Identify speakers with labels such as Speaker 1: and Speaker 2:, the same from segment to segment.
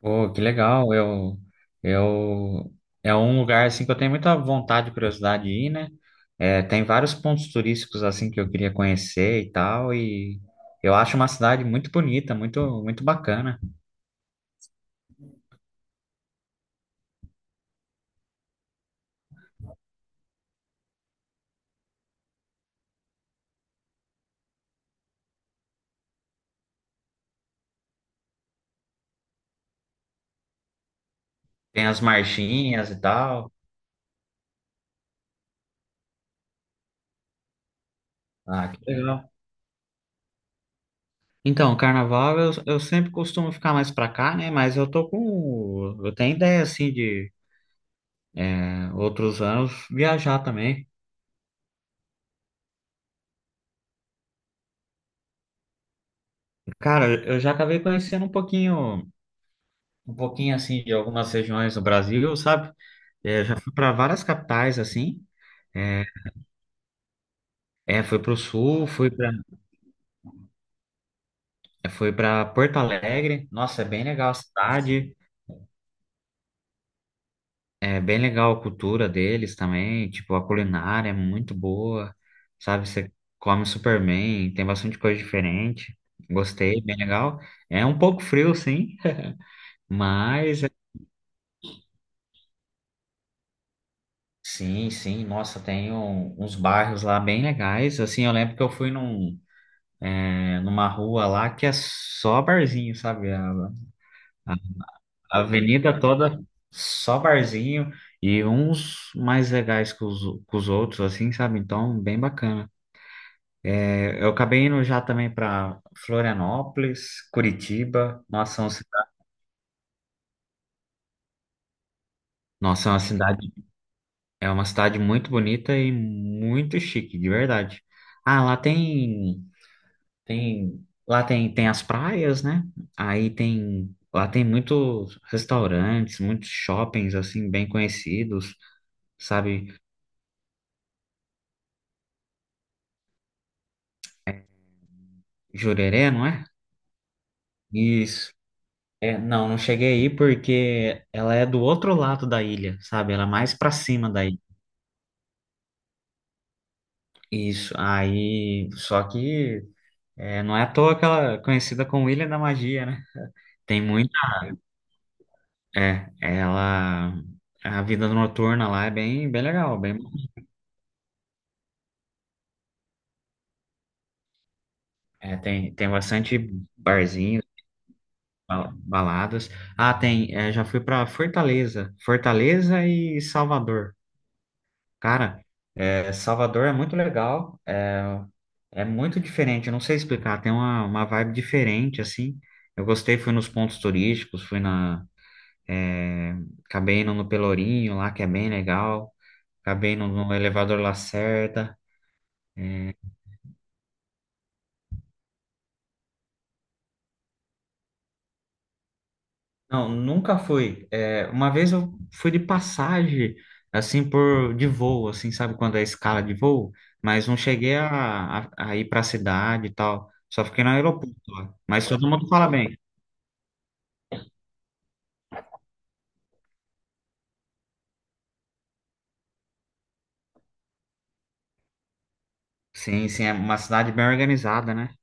Speaker 1: Pô, que legal. Eu, É um lugar assim que eu tenho muita vontade e curiosidade de ir, né? É, tem vários pontos turísticos assim que eu queria conhecer e tal, e eu acho uma cidade muito bonita, muito, muito bacana. Tem as marchinhas e tal. Ah, que legal. Então, carnaval eu sempre costumo ficar mais pra cá, né? Mas eu tenho ideia assim de outros anos viajar também. Cara, eu já acabei conhecendo um pouquinho assim de algumas regiões do Brasil, sabe? É, já fui para várias capitais assim. É, fui para o sul, fui para Porto Alegre. Nossa, é bem legal a cidade, é bem legal a cultura deles também. Tipo, a culinária é muito boa, sabe? Você come super bem, tem bastante coisa diferente. Gostei, bem legal. É um pouco frio, sim, mas é, Sim, sim, nossa, tem uns bairros lá bem legais. Assim, eu lembro que eu fui numa rua lá que é só barzinho, sabe? A- a avenida toda só barzinho e uns mais legais que os outros, assim, sabe? Então, bem bacana. É, eu acabei indo já também para Florianópolis, Curitiba. Nossa, é uma cidade muito bonita e muito chique, de verdade. Ah, lá tem as praias, né? Lá tem muitos restaurantes, muitos shoppings, assim, bem conhecidos, sabe? Jurerê, não é? Isso. É, não, não cheguei aí porque ela é do outro lado da ilha, sabe? Ela é mais pra cima da ilha. Isso, aí, só que não é à toa que ela é conhecida como Ilha da Magia, né? Tem muita, é, ela, A vida noturna lá é bem, bem legal, tem bastante barzinho, baladas. Ah, tem. Já fui pra Fortaleza. Fortaleza e Salvador. Cara, Salvador é muito legal. É, é muito diferente. Eu não sei explicar. Tem uma vibe diferente, assim. Eu gostei. Fui nos pontos turísticos. É, Acabei indo no Pelourinho lá, que é bem legal. Acabei indo no Elevador Lacerda. é, Não, nunca fui. É, uma vez eu fui de passagem, assim, por de voo, assim, sabe quando é escala de voo? Mas não cheguei a ir para a cidade e tal. Só fiquei no aeroporto lá. Mas todo mundo fala bem. Sim, sim, é uma cidade bem organizada, né?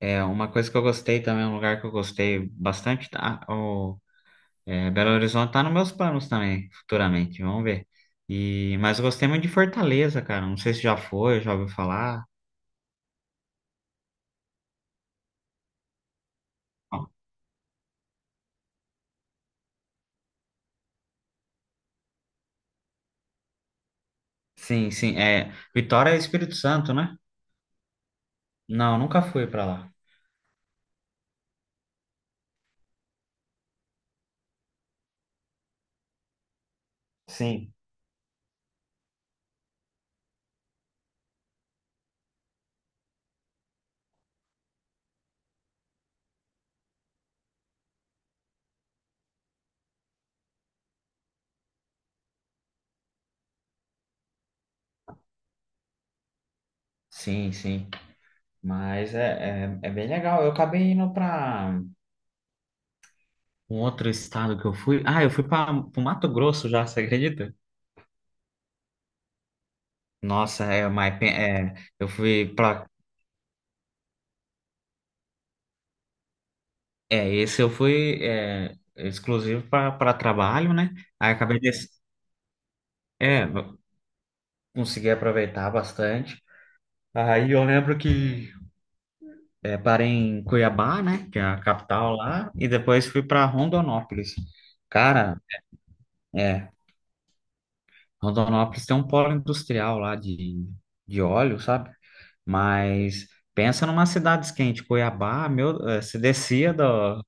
Speaker 1: É uma coisa que eu gostei também, um lugar que eu gostei bastante. Tá? Belo Horizonte tá nos meus planos também, futuramente. Vamos ver. Mas eu gostei muito de Fortaleza, cara. Não sei se já foi, já ouviu falar. Sim, sim. É, Vitória é Espírito Santo, né? Não, nunca fui pra lá. Sim. Sim, sim. Mas é bem legal. Eu acabei indo pra um outro estado que eu fui. Ah, eu fui para o Mato Grosso já, você acredita? Nossa. É, mas pe- é, eu fui pra. É, esse eu fui exclusivo pra trabalho, né? Aí acabei de é, consegui aproveitar bastante. Aí eu lembro que parei em Cuiabá, né, que é a capital lá, e depois fui para Rondonópolis. Cara, é, Rondonópolis tem um polo industrial lá de óleo, sabe? Mas pensa numa cidade quente, Cuiabá, meu, se descia do...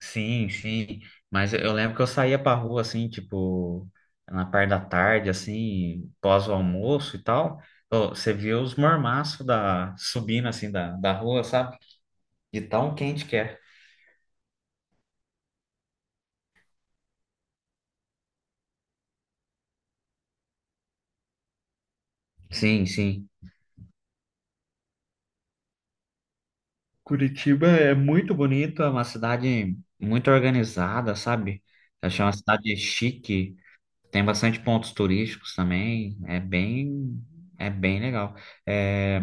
Speaker 1: Sim, sim, mas eu lembro que eu saía pra rua, assim, tipo, na parte da tarde, assim, pós o almoço e tal, ô, você via os mormaços subindo, assim, da rua, sabe? De tão quente que é. Sim, sim. Curitiba é muito bonito, é uma cidade muito organizada, sabe? Eu achei uma cidade chique, tem bastante pontos turísticos também, é bem legal. É,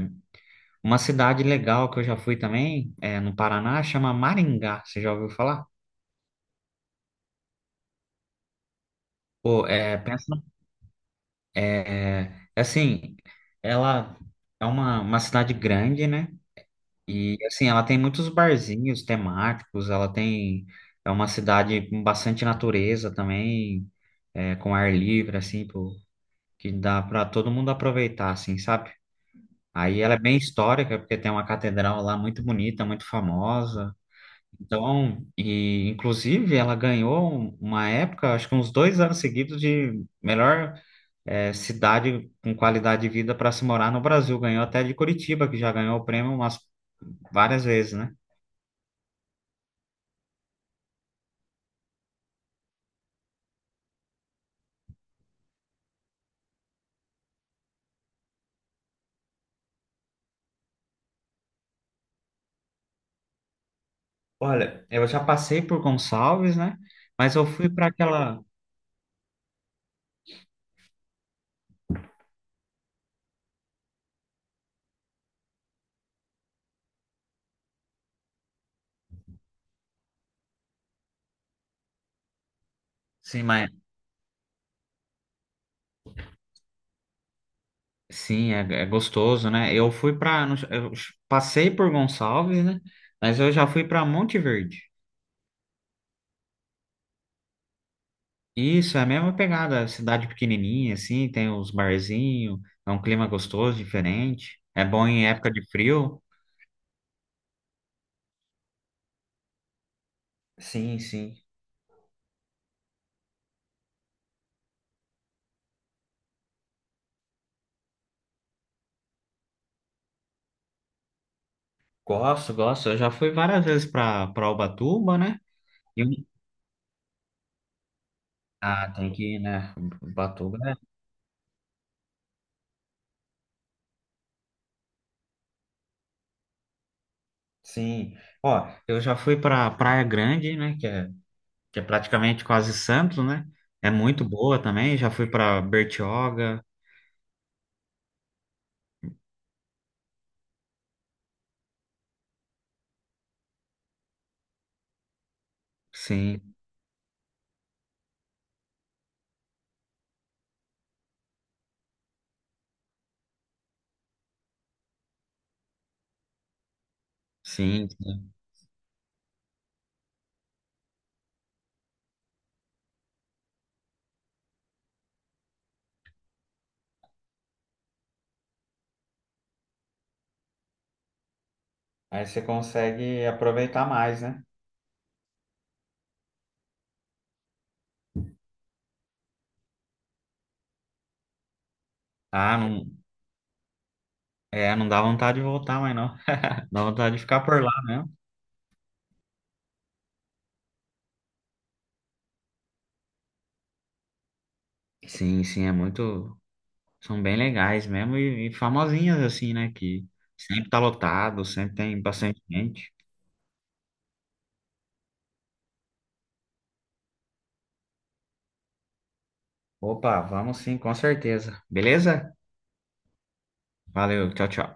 Speaker 1: uma cidade legal que eu já fui também, no Paraná, chama Maringá, você já ouviu falar? Pô, pensa, é, assim, ela é uma cidade grande, né? E assim, ela tem muitos barzinhos temáticos, ela tem é uma cidade com bastante natureza também, com ar livre assim, que dá para todo mundo aproveitar assim, sabe? Aí ela é bem histórica porque tem uma catedral lá muito bonita, muito famosa. Então, e inclusive ela ganhou uma época, acho que uns 2 anos seguidos de melhor cidade com qualidade de vida para se morar no Brasil. Ganhou até de Curitiba, que já ganhou o prêmio umas várias vezes, né? Olha, eu já passei por Gonçalves, né? Mas eu fui para aquela. Sim, mas sim, é gostoso, né? Eu passei por Gonçalves, né? Mas eu já fui para Monte Verde. Isso, é a mesma pegada, cidade pequenininha, assim, tem os barzinhos, é um clima gostoso, diferente. É bom em época de frio. Sim, sim. Gosto, gosto. Eu já fui várias vezes para Ubatuba, né? E, ah, tem que ir, né? Ubatuba. Sim. Ó, eu já fui para Praia Grande, né, que é praticamente quase Santos, né? É muito boa também. Já fui para Bertioga. Sim, sim. Sim. Aí você consegue aproveitar mais, né? Ah, não, não dá vontade de voltar, mas não. Dá vontade de ficar por lá mesmo. Sim, sim, é muito. São bem legais mesmo e famosinhas assim, né? Que sempre tá lotado, sempre tem bastante gente. Opa, vamos sim, com certeza. Beleza? Valeu, tchau, tchau.